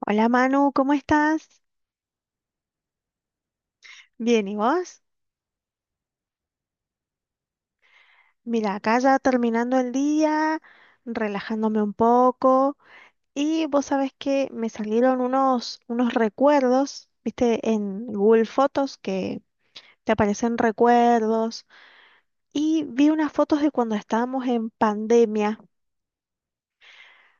Hola Manu, ¿cómo estás? Bien, ¿y vos? Mira, acá ya terminando el día, relajándome un poco. Y vos sabés que me salieron unos recuerdos, viste, en Google Fotos que te aparecen recuerdos. Y vi unas fotos de cuando estábamos en pandemia.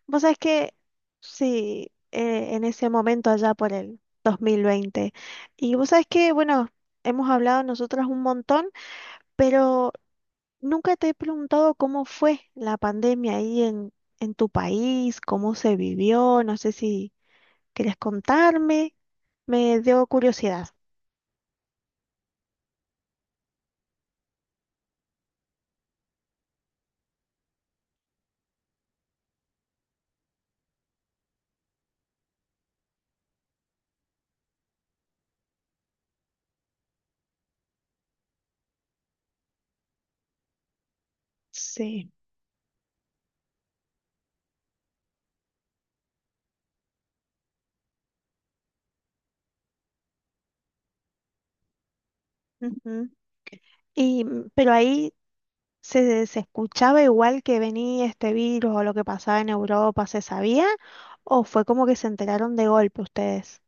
Vos sabés que, sí, en ese momento allá por el 2020. Y vos sabés que, bueno, hemos hablado nosotras un montón. Pero nunca te he preguntado cómo fue la pandemia ahí en tu país, cómo se vivió, no sé si quieres contarme, me dio curiosidad. Sí. Ujú. Y, pero ahí se escuchaba igual que venía este virus o lo que pasaba en Europa, ¿se sabía? ¿O fue como que se enteraron de golpe ustedes?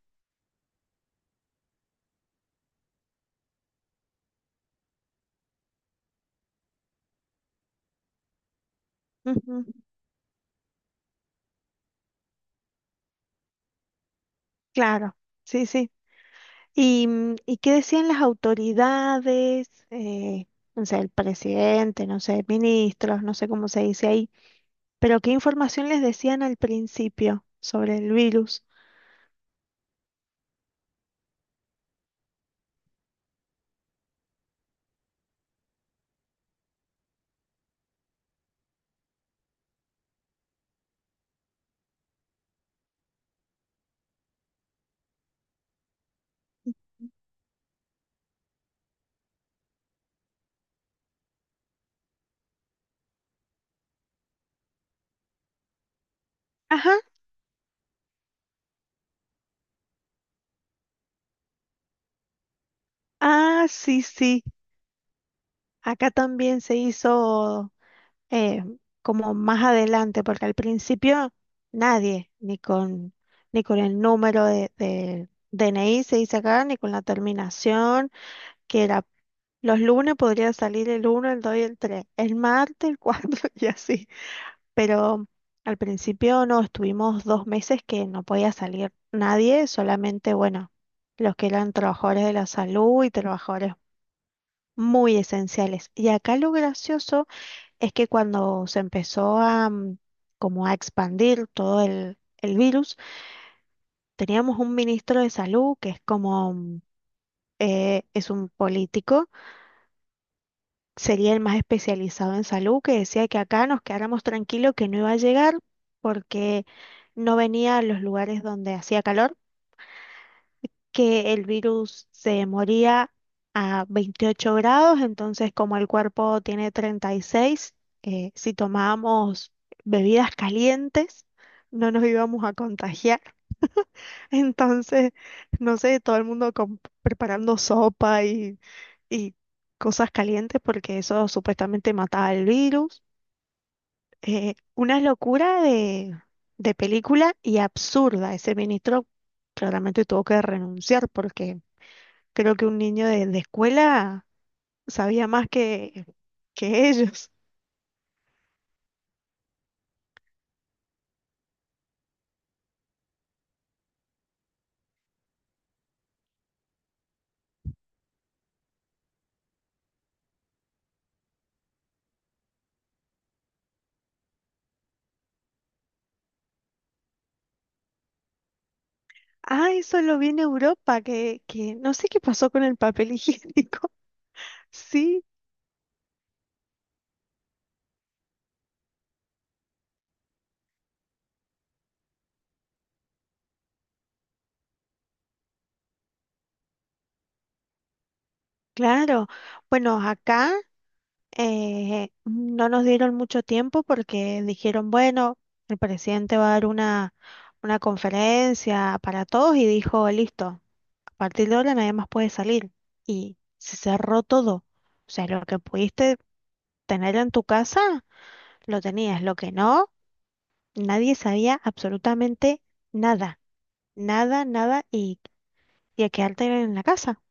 Ujú. Claro, sí, sí. ¿Y, y qué decían las autoridades? No sé, el presidente, no sé, ministros, no sé cómo se dice ahí, pero ¿qué información les decían al principio sobre el virus? Ajá. Ah, sí, sí, acá también se hizo, eh, como más adelante, porque al principio nadie, ni con el número de DNI se dice acá, ni con la terminación, que era. Los lunes podría salir el uno, el 2 y el 3. El martes, el 4 y así. Pero al principio no, estuvimos 2 meses que no podía salir nadie, solamente, bueno, los que eran trabajadores de la salud y trabajadores muy esenciales. Y acá lo gracioso es que cuando se empezó a como a expandir todo el virus, teníamos un ministro de salud que es como, es un político, sería el más especializado en salud, que decía que acá nos quedáramos tranquilos, que no iba a llegar porque no venía a los lugares donde hacía calor, que el virus se moría a 28 grados, entonces como el cuerpo tiene 36, si tomábamos bebidas calientes, no nos íbamos a contagiar. Entonces, no sé, todo el mundo preparando sopa y cosas calientes porque eso supuestamente mataba el virus. Una locura de película y absurda. Ese ministro claramente tuvo que renunciar porque creo que un niño de escuela sabía más que ellos. Ah, eso lo vi en Europa, que no sé qué pasó con el papel higiénico. Sí, claro. Bueno, acá... No nos dieron mucho tiempo porque dijeron, bueno, el presidente va a dar una conferencia para todos y dijo, listo, a partir de ahora nadie más puede salir. Y se cerró todo. O sea, lo que pudiste tener en tu casa, lo tenías. Lo que no, nadie sabía absolutamente nada. Nada, nada y, y a quedarte en la casa.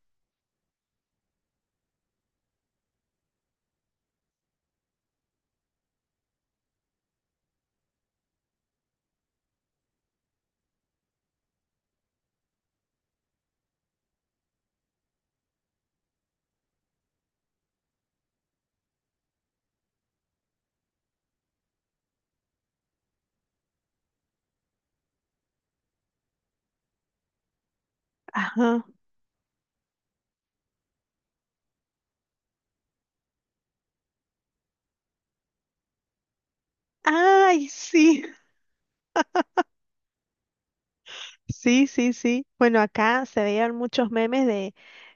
Ajá. Ay, sí, sí, sí, sí. Bueno, acá se veían muchos memes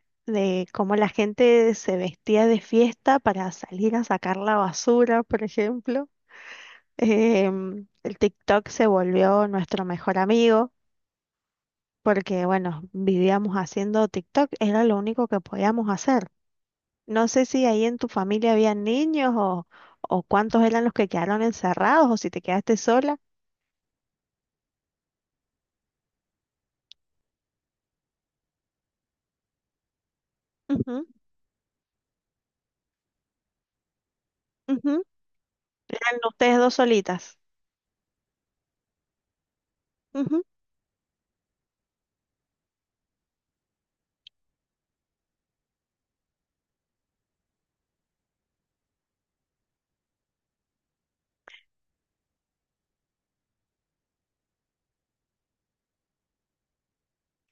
de cómo la gente se vestía de fiesta para salir a sacar la basura, por ejemplo. El TikTok se volvió nuestro mejor amigo porque, bueno, vivíamos haciendo TikTok, era lo único que podíamos hacer. No sé si ahí en tu familia había niños o cuántos eran los que quedaron encerrados o si te quedaste sola. Ujú, ujú. Eran ustedes dos solitas.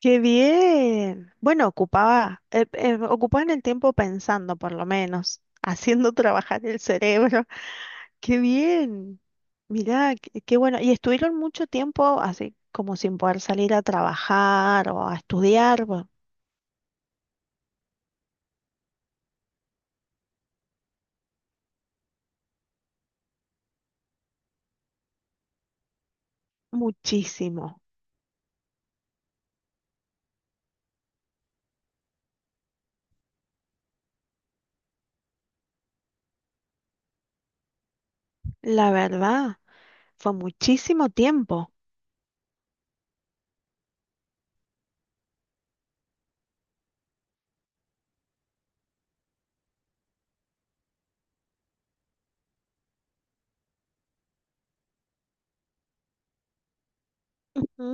Qué bien. Bueno, ocupaba, ocupaban el tiempo pensando, por lo menos, haciendo trabajar el cerebro. Qué bien. Mirá, qué, qué bueno. ¿Y estuvieron mucho tiempo así como sin poder salir a trabajar o a estudiar? Muchísimo. La verdad, fue muchísimo tiempo. Ujú,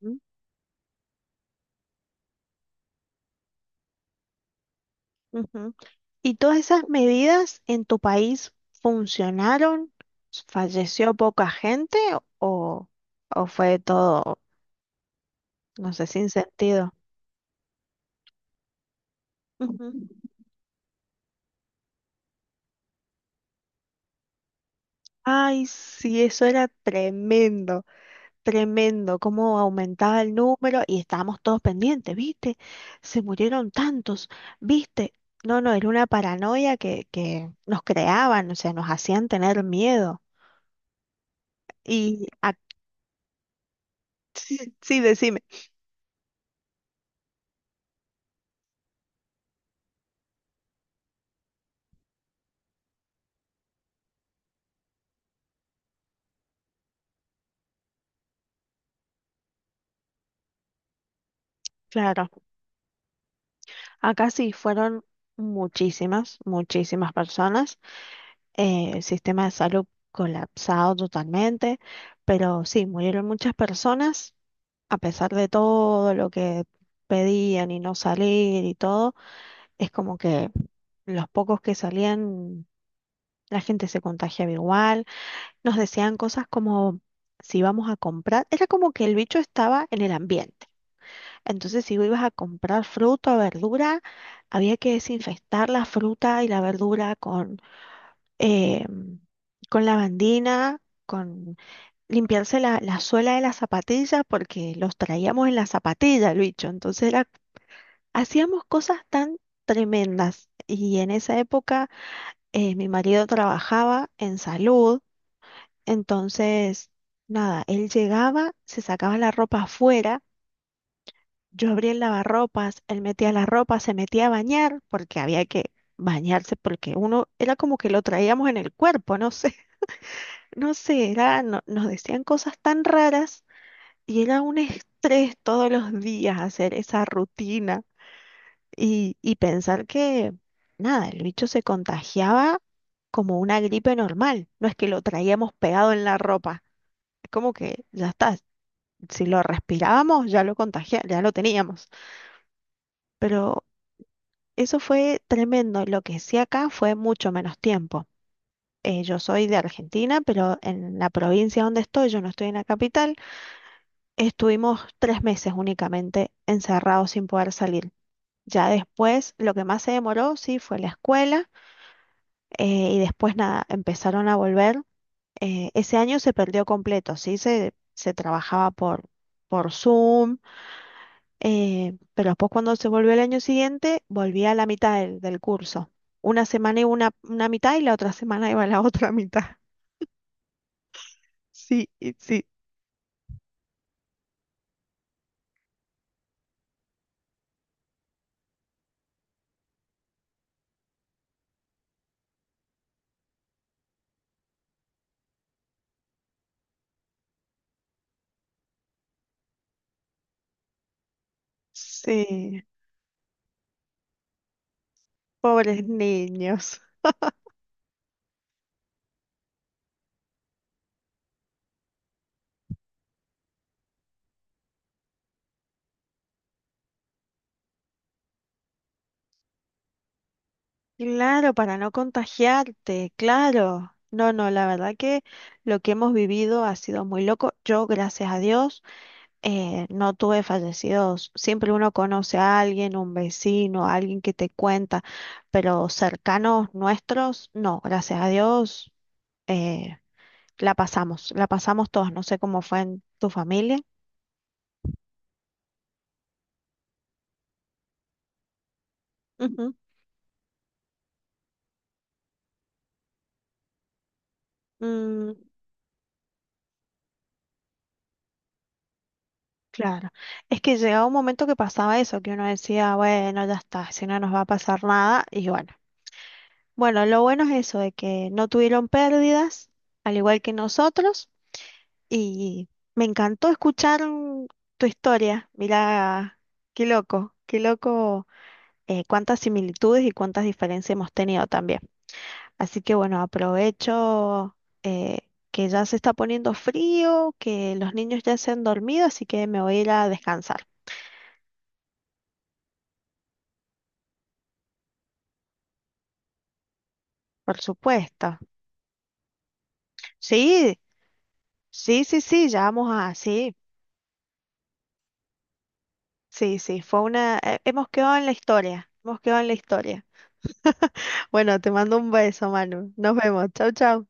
ujú, ujú. ¿Y todas esas medidas en tu país funcionaron? ¿Falleció poca gente o, o fue todo, no sé, sin sentido? Ujú. Ay, sí, eso era tremendo, tremendo, cómo aumentaba el número y estábamos todos pendientes, ¿viste? Se murieron tantos, ¿viste? No, no, era una paranoia que nos creaban, o sea, nos hacían tener miedo. Y ac- sí, decime, claro. Acá sí fueron muchísimas, muchísimas personas. El sistema de salud colapsado totalmente, pero sí, murieron muchas personas. A pesar de todo lo que pedían y no salir y todo, es como que los pocos que salían, la gente se contagiaba igual. Nos decían cosas como si vamos a comprar. Era como que el bicho estaba en el ambiente. Entonces, si vos ibas a comprar fruta o verdura, había que desinfectar la fruta y la verdura eh, con lavandina, con limpiarse la suela de las zapatillas, porque los traíamos en la zapatilla, el bicho. Hacíamos cosas tan tremendas. Y en esa época, mi marido trabajaba en salud, entonces, nada, él llegaba, se sacaba la ropa afuera. Yo abría el lavarropas, él metía la ropa, se metía a bañar, porque había que bañarse, porque uno era como que lo traíamos en el cuerpo, no sé, no sé, era, nos decían cosas tan raras y era un estrés todos los días hacer esa rutina y pensar que, nada, el bicho se contagiaba como una gripe normal, no es que lo traíamos pegado en la ropa, es como que ya está, si lo respirábamos ya lo contagia, ya lo teníamos. Pero eso fue tremendo. Lo que sí acá fue mucho menos tiempo. Yo soy de Argentina, pero en la provincia donde estoy, yo no estoy en la capital, estuvimos 3 meses únicamente encerrados sin poder salir. Ya después, lo que más se demoró, sí, fue la escuela, y después nada, empezaron a volver. Ese año se perdió completo, sí, se trabajaba por Zoom. Pero después cuando se volvió el año siguiente, volví a la mitad del, del curso. Una semana iba una mitad y la otra semana iba la otra mitad. Sí, y sí, sí. Pobres niños. Claro, para no contagiarte, claro. No, no, la verdad que lo que hemos vivido ha sido muy loco. Yo, gracias a Dios, no tuve fallecidos. Siempre uno conoce a alguien, un vecino, alguien que te cuenta, pero cercanos nuestros, no, gracias a Dios, eh, la pasamos todos. No sé cómo fue en tu familia. Ujú. Mm, claro. Es que llegaba un momento que pasaba eso, que uno decía, bueno, ya está, si no nos va a pasar nada, y bueno. Bueno, lo bueno es eso, de que no tuvieron pérdidas, al igual que nosotros. Y me encantó escuchar, tu historia. Mira, qué loco, cuántas similitudes y cuántas diferencias hemos tenido también. Así que bueno, aprovecho, eh, que ya se está poniendo frío, que los niños ya se han dormido, así que me voy a ir a descansar, por supuesto. Sí, sí, sí, sí, ya vamos a, sí, sí, sí, fue una, hemos quedado en la historia, hemos quedado en la historia. Bueno, te mando un beso, Manu. Nos vemos. Chau, chau.